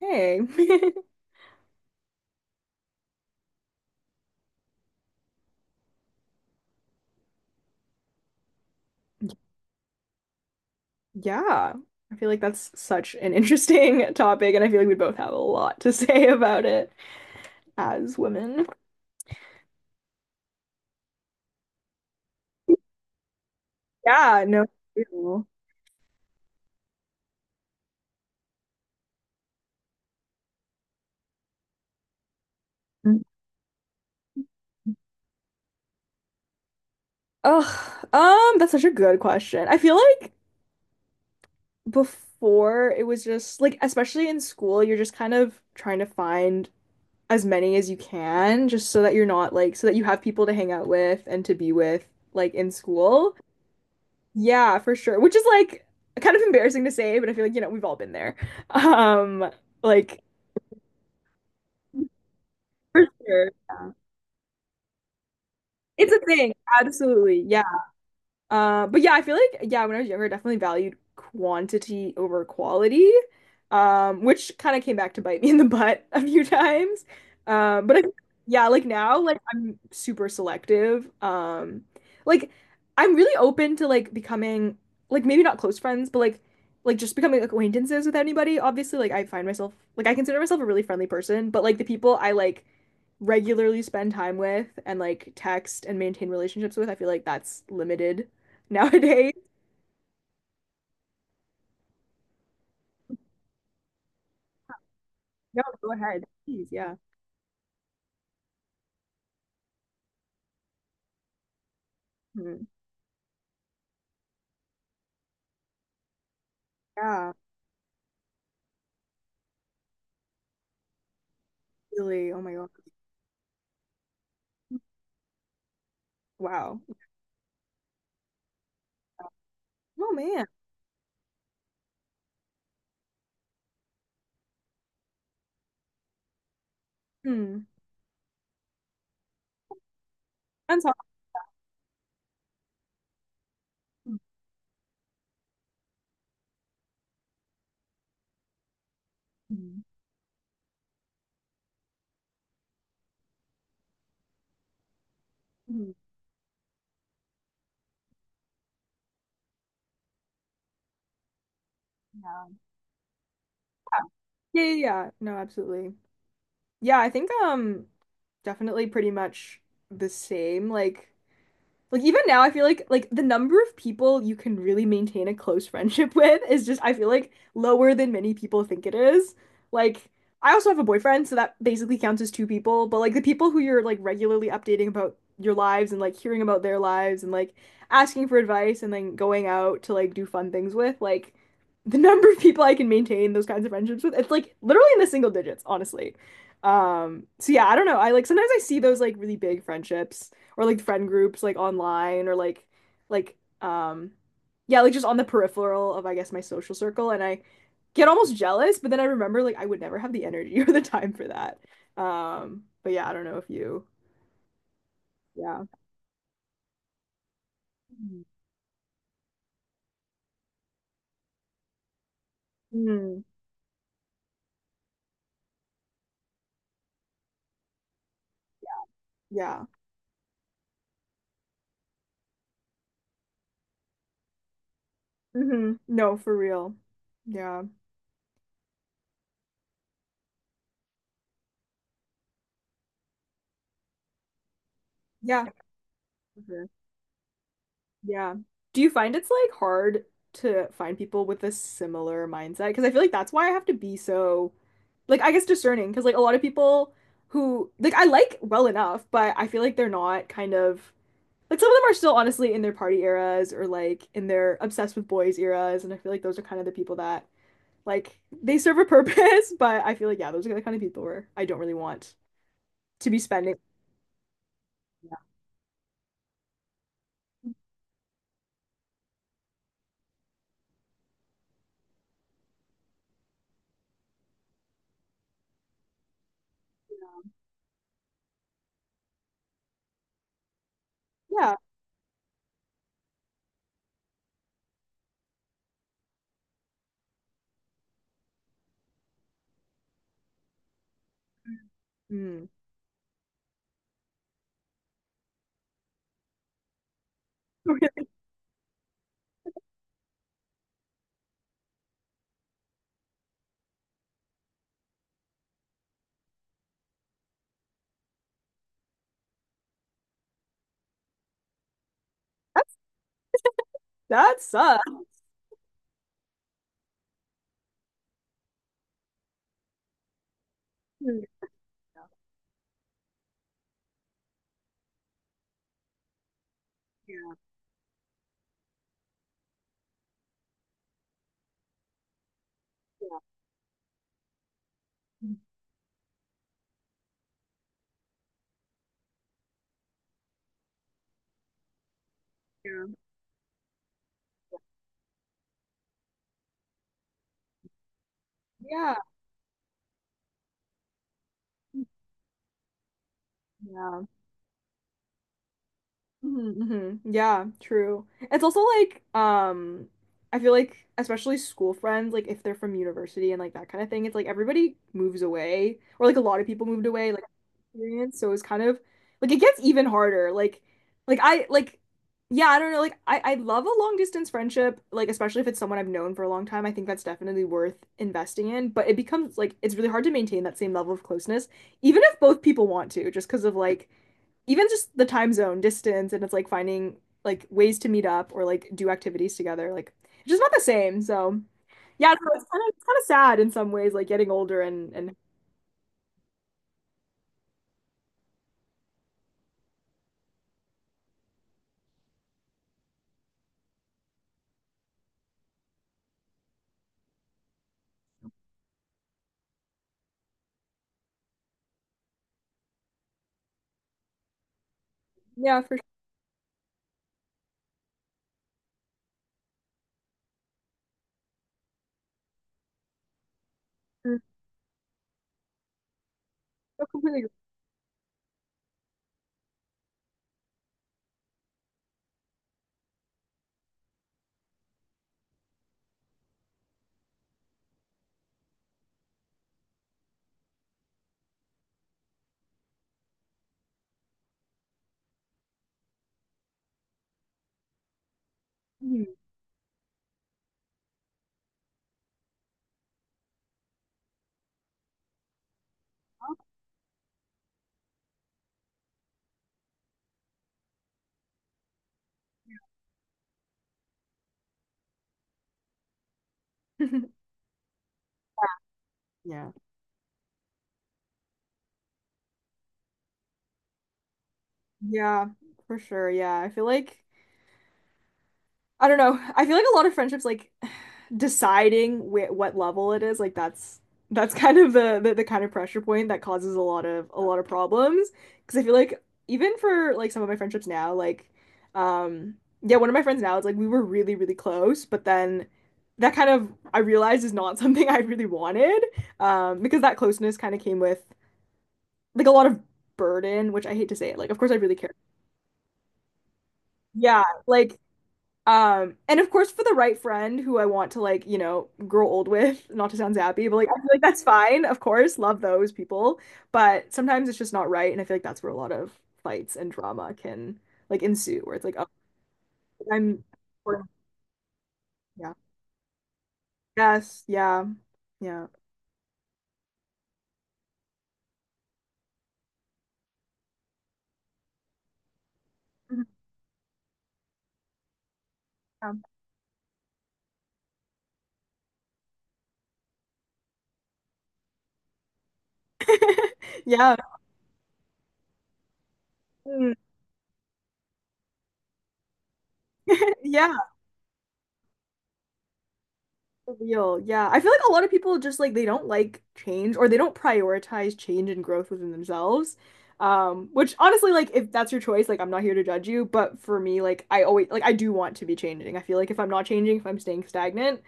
Hey. Yeah. I feel like that's such an interesting topic, and I feel like we both have a lot to say about it as women. Yeah, no. Ew. That's such a good question. I feel like before it was just like, especially in school, you're just kind of trying to find as many as you can just so that you're not like, so that you have people to hang out with and to be with like in school. Yeah, for sure. Which is like kind of embarrassing to say, but I feel like, we've all been there. Um, like for sure. Yeah. It's a thing. Absolutely. Yeah. But yeah, I feel like yeah, when I was younger, I definitely valued quantity over quality, which kind of came back to bite me in the butt a few times. Um, but I, yeah, like now, like I'm super selective. Like I'm really open to like becoming like maybe not close friends, but like just becoming like acquaintances with anybody. Obviously, like I find myself like I consider myself a really friendly person, but like the people I like regularly spend time with and like text and maintain relationships with, I feel like that's limited nowadays. No, go ahead. Please, yeah. Hmm. Yeah, really. Oh my God. Wow. Oh man. Hmm. That's awesome. Mhm. Mhm. Yeah. Yeah, yeah, yeah. No, absolutely. Yeah, I think definitely pretty much the same. Like even now, I feel like the number of people you can really maintain a close friendship with is just I feel like lower than many people think it is. Like I also have a boyfriend, so that basically counts as two people, but like the people who you're like regularly updating about your lives and like hearing about their lives and like asking for advice and then going out to like do fun things with, like the number of people I can maintain those kinds of friendships with, it's like literally in the single digits, honestly. So yeah, I don't know. I like sometimes I see those like really big friendships or like friend groups like online or like like um yeah, like just on the peripheral of I guess my social circle, and I get almost jealous, but then I remember like I would never have the energy or the time for that. But yeah, I don't know if you yeah. Mm. Mm, yeah. Hmm. No, for real. Yeah. Yeah. For sure. Yeah. Do you find it's like hard to find people with a similar mindset? Because I feel like that's why I have to be so like, I guess, discerning. Because like a lot of people who like I like well enough, but I feel like they're not kind of like, some of them are still honestly in their party eras or like in their obsessed with boys eras, and I feel like those are kind of the people that like they serve a purpose, but I feel like yeah, those are the kind of people where I don't really want to be spending. Yeah. Yeah. Mm. That's that sucks. Mm, yeah. Yeah. Yeah. Hmm. Yeah, true. It's also like, I feel like especially school friends, like if they're from university and like that kind of thing, it's like everybody moves away, or like a lot of people moved away, like experience. So it's kind of like it gets even harder. Like I like, yeah, I don't know. Like I love a long distance friendship, like especially if it's someone I've known for a long time. I think that's definitely worth investing in. But it becomes like it's really hard to maintain that same level of closeness, even if both people want to, just because of like even just the time zone distance, and it's like finding like ways to meet up or like do activities together like it's just not the same. So yeah, so it's kind of sad in some ways like getting older and yeah, for sure. I completely agree. Mhm. Yeah, yeah, for sure. Yeah, I feel like I don't know. I feel like a lot of friendships like deciding wh what level it is, like that's kind of the kind of pressure point that causes a lot of problems. Because I feel like even for like some of my friendships now, like um yeah, one of my friends now is like we were really close, but then that kind of I realized is not something I really wanted, because that closeness kind of came with like a lot of burden, which I hate to say it. Like of course I really care. Yeah, like and of course for the right friend who I want to like, you know, grow old with, not to sound zappy, but like I feel like that's fine, of course, love those people. But sometimes it's just not right, and I feel like that's where a lot of fights and drama can like ensue, where it's like, I'm or- yeah. Yes, yeah, yeah. Mhm. Yeah. Yeah. Mm. Yeah. Real. Yeah. I feel like a lot of people just like they don't like change or they don't prioritize change and growth within themselves. Which honestly, like if that's your choice, like I'm not here to judge you, but for me, like I always like I do want to be changing. I feel like if I'm not changing, if I'm staying stagnant,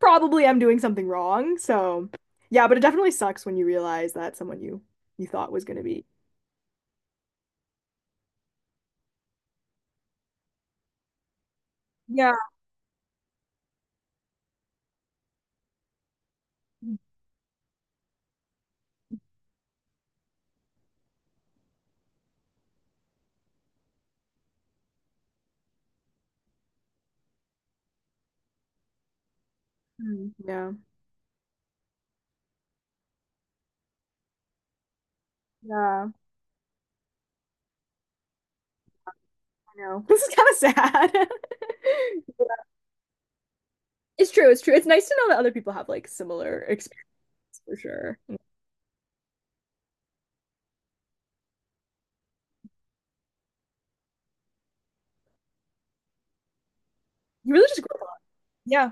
probably I'm doing something wrong. So yeah, but it definitely sucks when you realize that someone you thought was gonna be. Yeah. Mhm. Yeah. Yeah. I know. This is kind of sad. It's true, it's true. It's nice to know that other people have like similar experiences. For sure. You really just grow up. Yeah.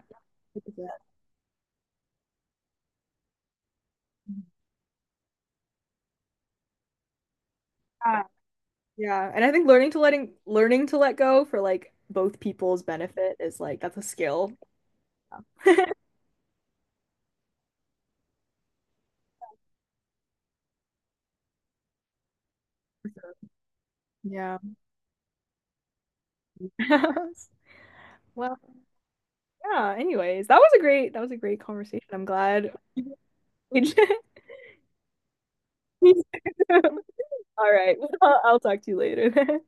Yeah. Yeah. And I think learning to let go for like both people's benefit is like that's a skill. Yeah. Well, yeah, anyways, that was a great conversation. I'm glad. All right. Well, I'll talk to you later then.